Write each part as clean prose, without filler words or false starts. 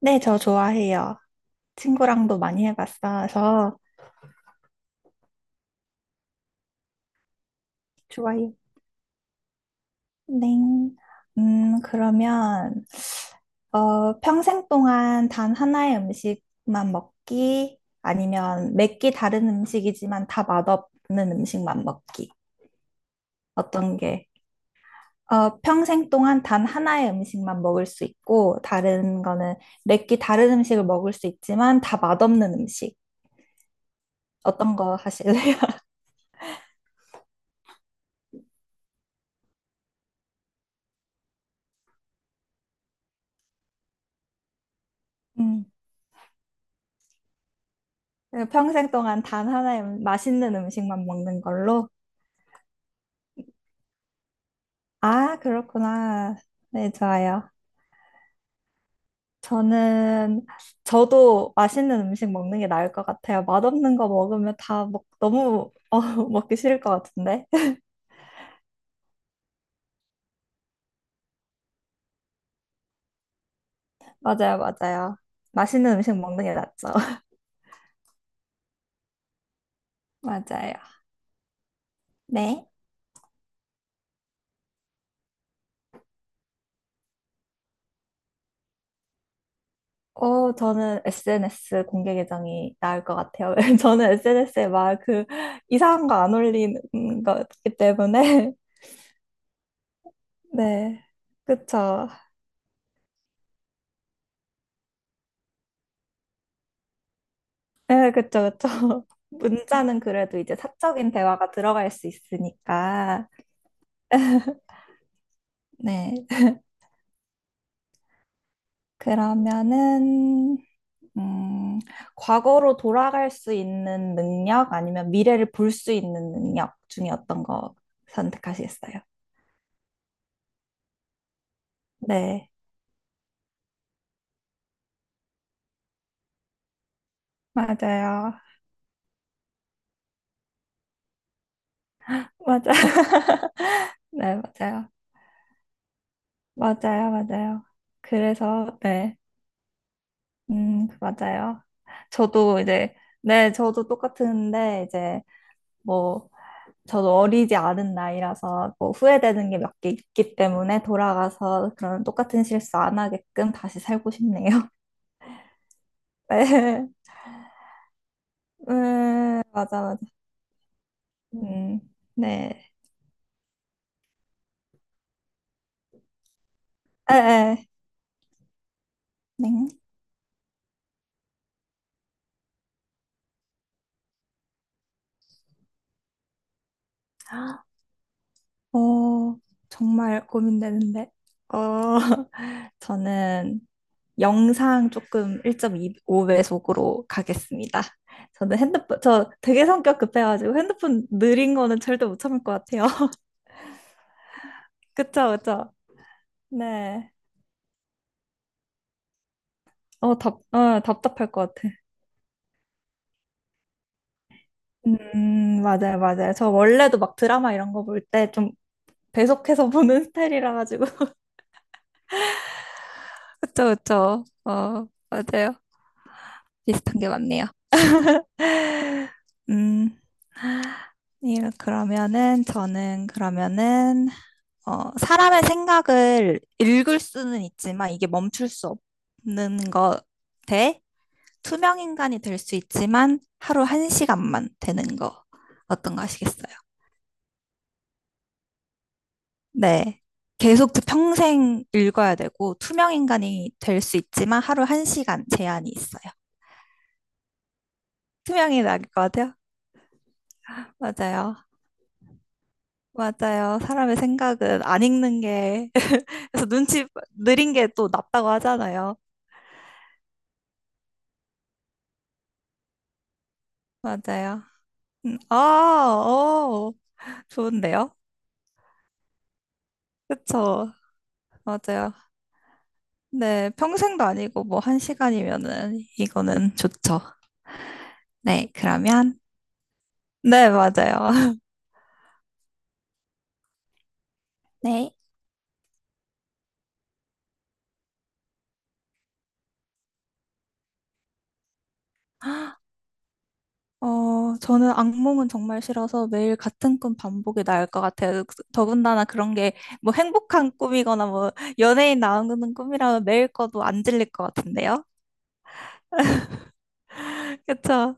네, 저 좋아해요. 친구랑도 많이 해봤어서 좋아요. 네. 그러면 평생 동안 단 하나의 음식만 먹기 아니면 몇 끼 다른 음식이지만 다 맛없는 음식만 먹기. 어떤 게? 평생 동안 단 하나의 음식만 먹을 수 있고 다른 거는 몇 끼 다른 음식을 먹을 수 있지만 다 맛없는 음식. 어떤 거 하실래요? 평생 동안 단 하나의 맛있는 음식만 먹는 걸로? 아, 그렇구나. 네, 좋아요. 저는, 저도 맛있는 음식 먹는 게 나을 것 같아요. 맛없는 거 먹으면 다 먹, 너무 먹기 싫을 것 같은데. 맞아요, 맞아요. 맛있는 음식 먹는 게 낫죠. 맞아요. 네. 저는 SNS 공개 계정이 나을 것 같아요. 저는 SNS에 막 이상한 거 안 올리는 거기 때문에. 네. 그쵸. 네, 그쵸, 그쵸. 문자는 그래도 이제 사적인 대화가 들어갈 수 있으니까. 네. 그러면은, 음, 과거로 돌아갈 수 있는 능력 아니면 미래를 볼 수 있는 능력 중에 어떤 거 선택하시겠어요? 네. 맞아요. 맞아요. 네, 맞아요. 맞아요, 맞아요. 그래서, 네. 맞아요. 저도 이제, 네, 저도 똑같은데, 이제, 뭐, 저도 어리지 않은 나이라서 뭐 후회되는 게 몇 개 있기 때문에 돌아가서 그런 똑같은 실수 안 하게끔 다시 살고 싶네요. 네, 맞아, 맞아. 음, 네. 에, 에, 네. 어, 정말 고민되는데. 어, 저는 영상 조금 1.25배속으로 가겠습니다. 저는 핸드폰, 저 되게 성격 급해가지고 핸드폰 느린 거는 절대 못 참을 것 같아요. 그쵸, 그쵸. 네. 답답할 것 같아. 맞아요, 맞아요. 저 원래도 막 드라마 이런 거 볼 때 좀 배속해서 보는 스타일이라 가지고. 그쵸, 그쵸. 어, 맞아요. 비슷한 게 많네요. 음. 이 그러면은 저는 그러면은 사람의 생각을 읽을 수는 있지만 이게 멈출 수 없는 거 대 투명 인간이 될 수 있지만 하루 한 시간만 되는 거 어떤 거 하시겠어요? 네. 계속 평생 읽어야 되고, 투명인간이 될 수 있지만 하루 한시간 제한이 있어요. 투명이 나을 것 같아요. 맞아요. 맞아요. 사람의 생각은 안 읽는 게, 그래서 눈치 느린 게 또 낫다고 하잖아요. 맞아요. 음, 아, 어, 좋은데요? 그쵸. 맞아요. 네. 평생도 아니고 뭐 한시간이면은 이거는 좋죠. 네. 그러면, 네, 맞아요. 네. 저는 악몽은 정말 싫어서 매일 같은 꿈 반복이 나을 것 같아요. 더군다나 그런 게 뭐 행복한 꿈이거나 뭐 연예인 나오는 꿈이라면 매일 꿔도 안 질릴 것 같은데요. 그쵸?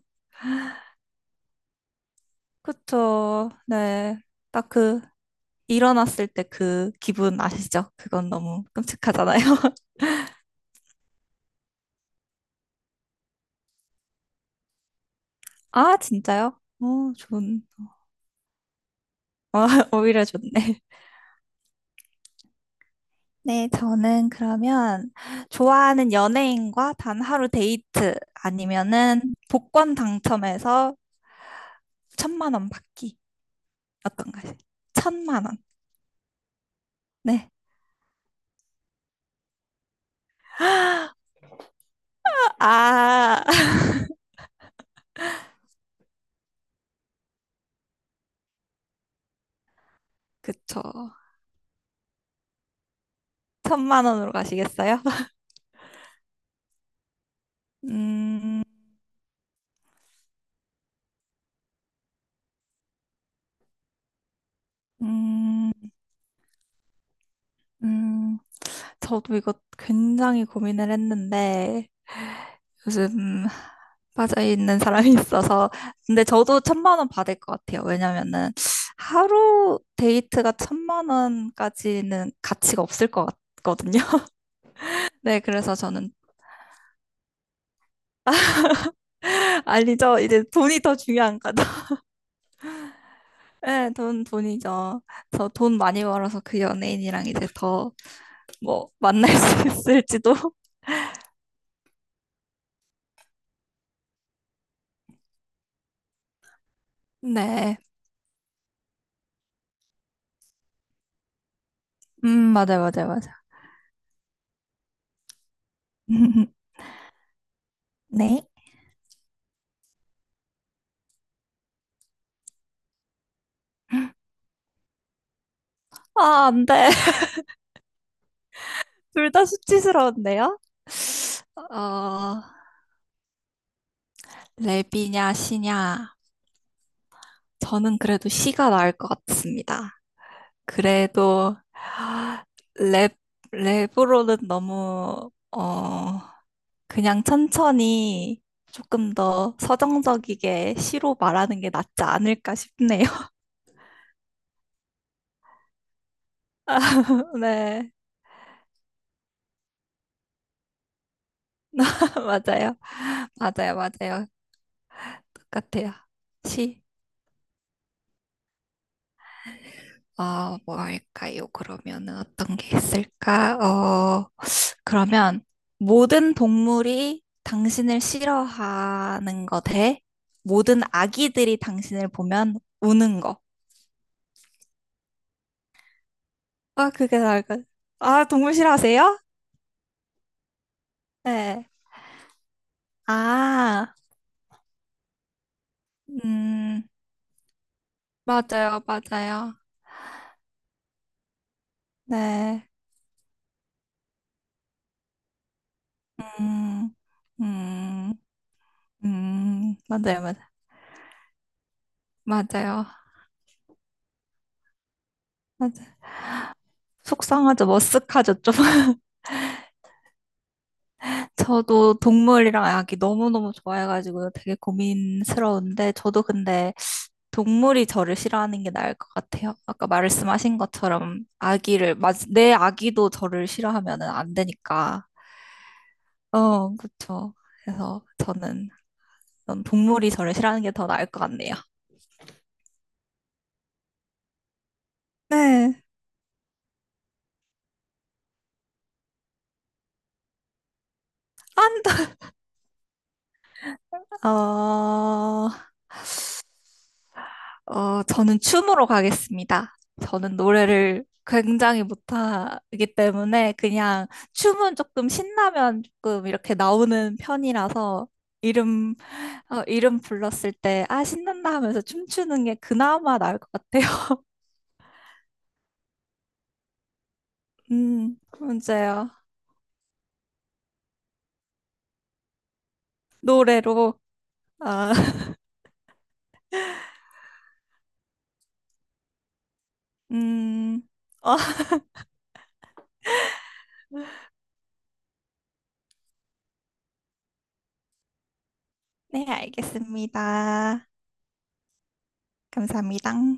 그쵸. 네. 딱 일어났을 때 그 기분 아시죠? 그건 너무 끔찍하잖아요. 아, 진짜요? 어, 좋은. 아, 오히려 좋네. 네, 저는 그러면 좋아하는 연예인과 단 하루 데이트 아니면은 복권 당첨해서 천만 원 받기. 어떤가요? 천만 원. 네. 아, 그쵸. 천만 원으로 가시겠어요? 음, 음, 음. 저도 이거 굉장히 고민을 했는데 요즘 빠져있는 사람이 있어서 근데 저도 천만 원 받을 것 같아요. 왜냐면은 하루 데이트가 천만 원까지는 가치가 없을 것 같거든요. 네, 그래서 저는 아니죠. 이제 돈이 더 중요한 거죠. 네, 돈, 돈이죠. 저 돈 많이 벌어서 그 연예인이랑 이제 더 뭐 만날 수 있을지도. 네, 맞아요, 맞아요, 맞아요. 네. 아, 안 돼. 둘 다 수치스러운데요? 어, 랩이냐, 시냐. 저는 그래도 시가 나을 것 같습니다. 그래도 랩, 랩으로는 너무, 그냥 천천히 조금 더 서정적이게 시로 말하는 게 낫지 않을까 싶네요. 네, 맞아요. 맞아요, 맞아요. 똑같아요. 시. 아, 뭐 할까요? 그러면은 어떤 게 있을까? 그러면 모든 동물이 당신을 싫어하는 거 대 모든 아기들이 당신을 보면 우는 거. 아, 그게 나을 것. 아, 동물 싫어하세요? 네. 아, 음, 맞아요, 맞아요. 네. 음, 음, 맞아요, 맞아요. 맞아요. 맞아요. 속상하죠, 머쓱하죠, 좀. 저도 동물이랑 아기 너무너무 좋아해가지고 되게 고민스러운데, 저도 근데 동물이 저를 싫어하는 게 나을 것 같아요. 아까 말씀하신 것처럼 아기를 맞, 내 아기도 저를 싫어하면 안 되니까. 어, 그쵸. 그래서 저는 전 동물이 저를 싫어하는 게 더 나을 것 같네요. 네. 아, 어, 저는 춤으로 가겠습니다. 저는 노래를 굉장히 못하기 때문에 그냥 춤은 조금 신나면 조금 이렇게 나오는 편이라서 이름, 이름 불렀을 때, 아, 신난다 하면서 춤추는 게 그나마 나을 것 같아요. 문제요. 노래로. 아, 음, 어, 네, 알겠습니다. 감사합니다.